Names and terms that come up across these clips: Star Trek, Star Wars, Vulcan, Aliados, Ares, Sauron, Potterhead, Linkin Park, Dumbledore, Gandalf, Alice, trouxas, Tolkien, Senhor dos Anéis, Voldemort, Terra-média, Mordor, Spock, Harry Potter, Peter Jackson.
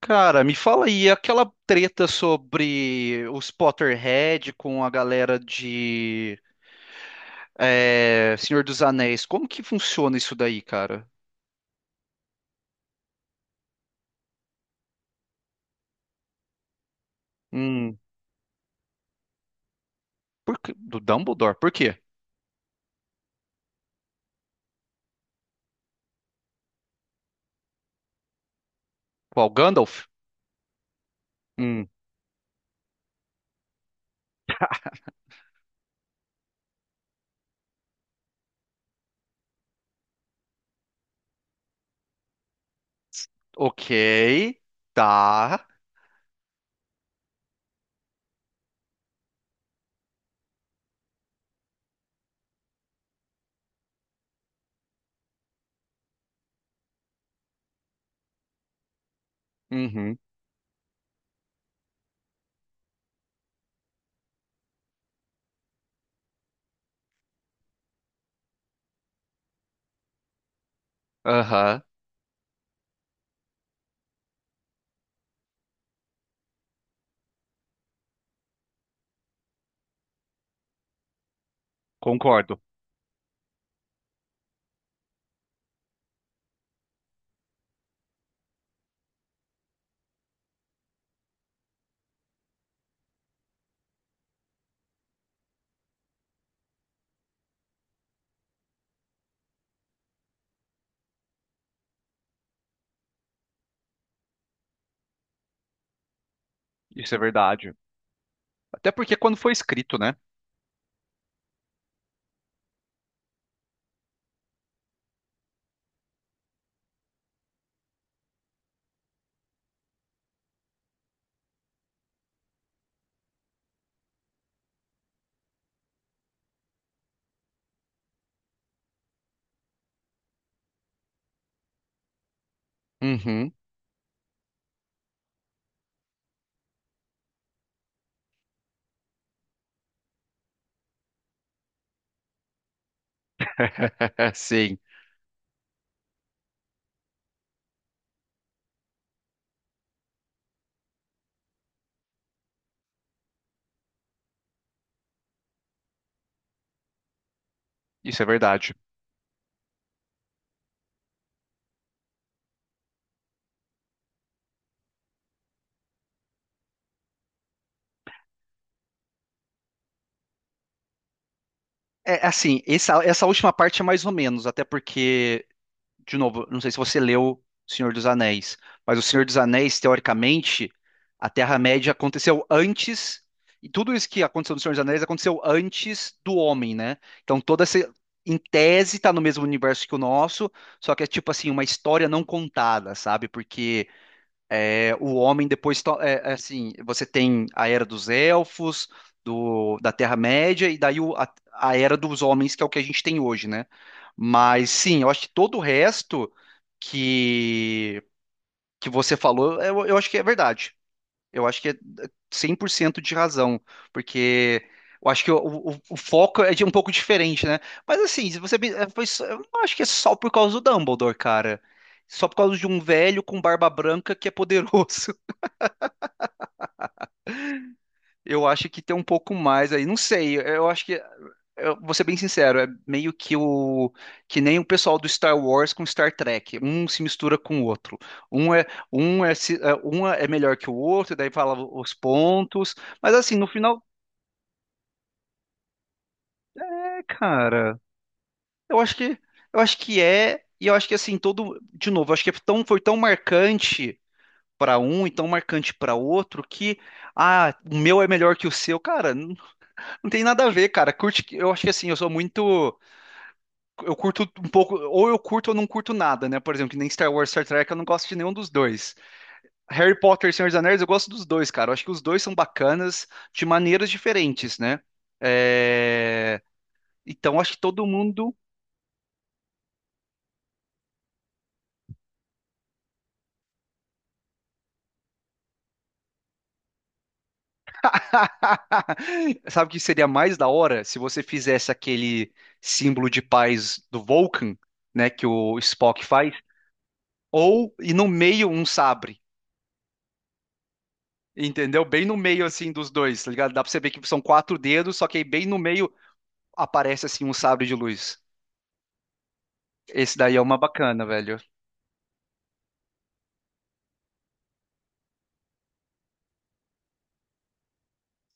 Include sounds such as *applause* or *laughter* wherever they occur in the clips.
Cara, me fala aí, aquela treta sobre os Potterhead com a galera de Senhor dos Anéis, como que funciona isso daí, cara? Hum, do Dumbledore, por quê? Qual Gandalf? Hum, ok, tá, uhum, aham, concordo, isso é verdade. Até porque quando foi escrito, né? Uhum, *laughs* sim, isso é verdade. É, assim, essa última parte é mais ou menos, até porque de novo, não sei se você leu Senhor dos Anéis, mas o Senhor dos Anéis, teoricamente, a Terra-média aconteceu antes, e tudo isso que aconteceu no Senhor dos Anéis aconteceu antes do homem, né? Então toda essa, em tese, tá no mesmo universo que o nosso, só que é tipo assim, uma história não contada, sabe? Porque é, o homem depois, é, é assim, você tem a era dos elfos, da Terra-média, e daí a era dos homens, que é o que a gente tem hoje, né? Mas sim, eu acho que todo o resto que, que você falou, é, eu acho que é verdade. Eu acho que é 100% de razão, porque eu acho que o foco é de um pouco diferente, né? Mas assim, se você, é, eu não acho que é só por causa do Dumbledore, cara. Só por causa de um velho com barba branca que é poderoso. Eu acho que tem um pouco mais aí. Não sei, eu acho que, eu vou ser bem sincero, é meio que o que nem o pessoal do Star Wars com Star Trek. Um se mistura com o outro. Um é um é, é, um é melhor que o outro, daí fala os pontos. Mas assim, no final, é, cara, eu acho que eu acho que é e eu acho que assim todo, de novo, eu acho que é tão, foi tão marcante para um e tão marcante para outro que ah, o meu é melhor que o seu, cara. Não não tem nada a ver, cara. Curte, eu acho que assim, eu sou muito. Eu curto um pouco, ou eu curto ou não curto nada, né? Por exemplo, que nem Star Wars, Star Trek, eu não gosto de nenhum dos dois. Harry Potter e Senhor dos Anéis, eu gosto dos dois, cara. Eu acho que os dois são bacanas de maneiras diferentes, né? É, então, acho que todo mundo. *laughs* Sabe o que seria mais da hora se você fizesse aquele símbolo de paz do Vulcan, né? Que o Spock faz, ou e no meio um sabre. Entendeu? Bem no meio assim dos dois, tá ligado? Dá pra você ver que são quatro dedos, só que aí bem no meio aparece assim um sabre de luz. Esse daí é uma bacana, velho.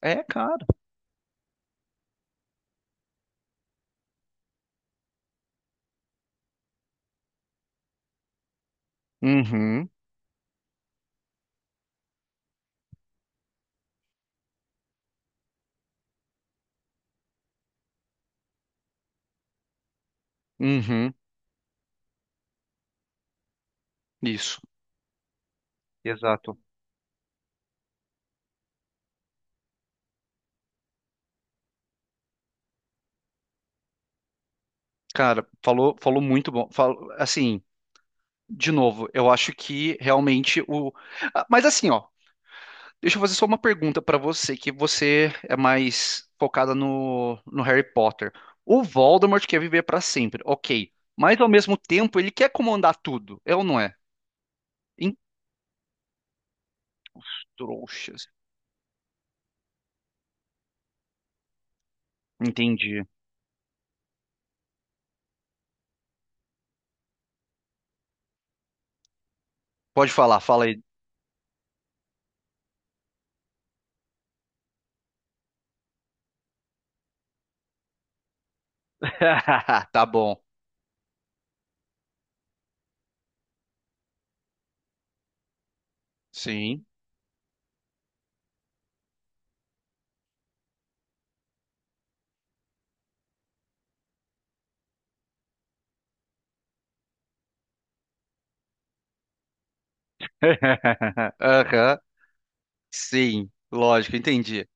É, cara. Uhum, uhum. Isso, exato. Cara, falou, falou muito bom. Falou, assim, de novo, eu acho que realmente o. Ah, mas assim, ó, deixa eu fazer só uma pergunta pra você, que você é mais focada no Harry Potter. O Voldemort quer viver pra sempre, ok. Mas ao mesmo tempo, ele quer comandar tudo, é ou não é? Em... os trouxas. Entendi. Pode falar, fala aí. *laughs* Tá bom. Sim. *laughs* Aham. Sim. Lógico, entendi.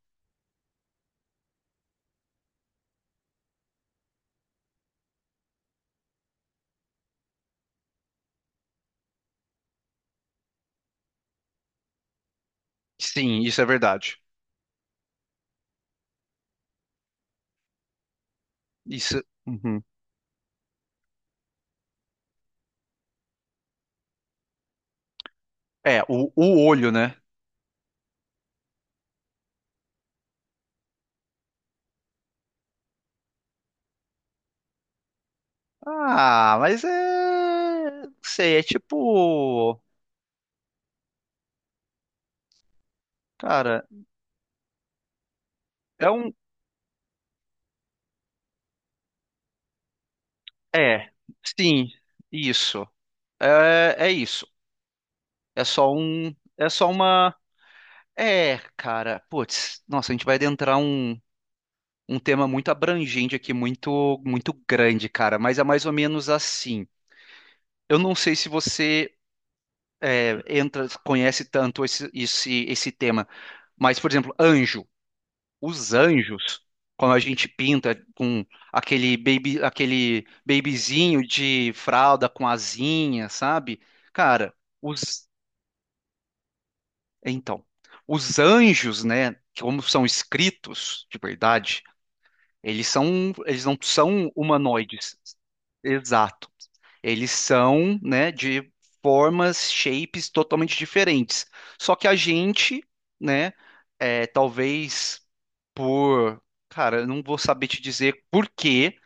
Sim, isso é verdade. Isso. Uhum. É, o olho, né? Ah, mas é. Não sei, é tipo. Cara, é um. É. Sim, isso. É, é isso. É só um. É só uma. É, cara. Putz, nossa, a gente vai adentrar um, um tema muito abrangente aqui, muito, muito grande, cara. Mas é mais ou menos assim. Eu não sei se você é, entra, conhece tanto esse tema, mas, por exemplo, anjo. Os anjos, quando a gente pinta com aquele baby, aquele babyzinho de fralda com asinha, sabe? Cara, os, então, os anjos, né, como são escritos de verdade, eles são, eles não são humanoides. Exato. Eles são, né, de formas, shapes totalmente diferentes. Só que a gente, né, é, talvez por, cara, eu não vou saber te dizer por quê,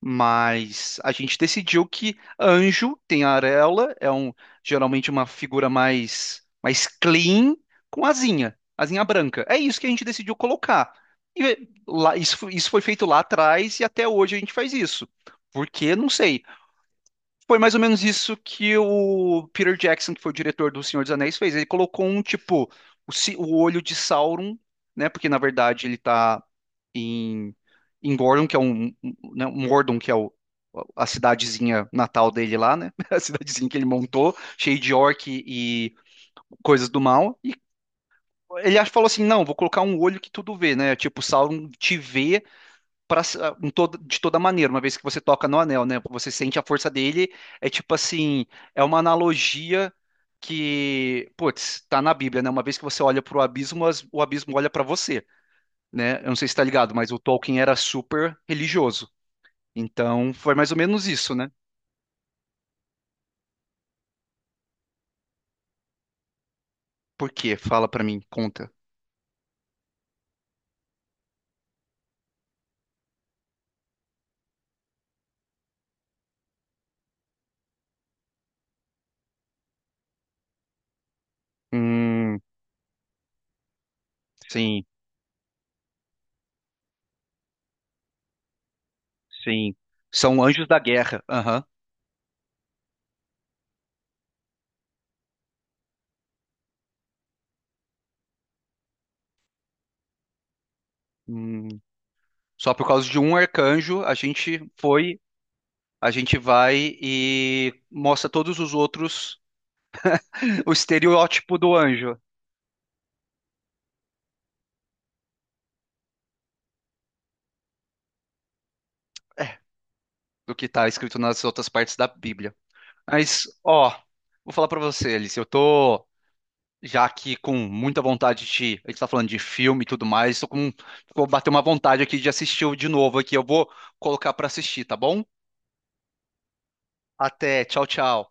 mas a gente decidiu que anjo tem auréola, é um geralmente uma figura mais clean com asinha, asinha branca. É isso que a gente decidiu colocar. E lá, isso, isso foi feito lá atrás e até hoje a gente faz isso. Por quê? Não sei. Foi mais ou menos isso que o Peter Jackson, que foi o diretor do Senhor dos Anéis, fez. Ele colocou um tipo o olho de Sauron, né? Porque na verdade ele tá em, em Gordon, que é um, um, né, um Mordor, que é a cidadezinha natal dele lá, né? *laughs* A cidadezinha que ele montou, cheia de orc e coisas do mal. E falou assim: não, vou colocar um olho que tudo vê, né? Tipo, Sauron te vê pra- em toda- de toda maneira, uma vez que você toca no anel, né? Você sente a força dele, é tipo assim, é uma analogia que, putz, tá na Bíblia, né? Uma vez que você olha pro abismo, o abismo olha pra você, né? Eu não sei se tá ligado, mas o Tolkien era super religioso. Então, foi mais ou menos isso, né? Por quê? Fala pra mim, conta. Hum, sim, sim. São anjos da guerra. Aham. Hum. Só por causa de um arcanjo, a gente foi. A gente vai e mostra todos os outros, *laughs* o estereótipo do anjo, é, do que tá escrito nas outras partes da Bíblia. Mas, ó, vou falar pra você, Alice, eu tô já aqui com muita vontade de, a gente tá falando de filme e tudo mais, tô com, vou bater uma vontade aqui de assistir de novo aqui, eu vou colocar pra assistir, tá bom? Até, tchau, tchau.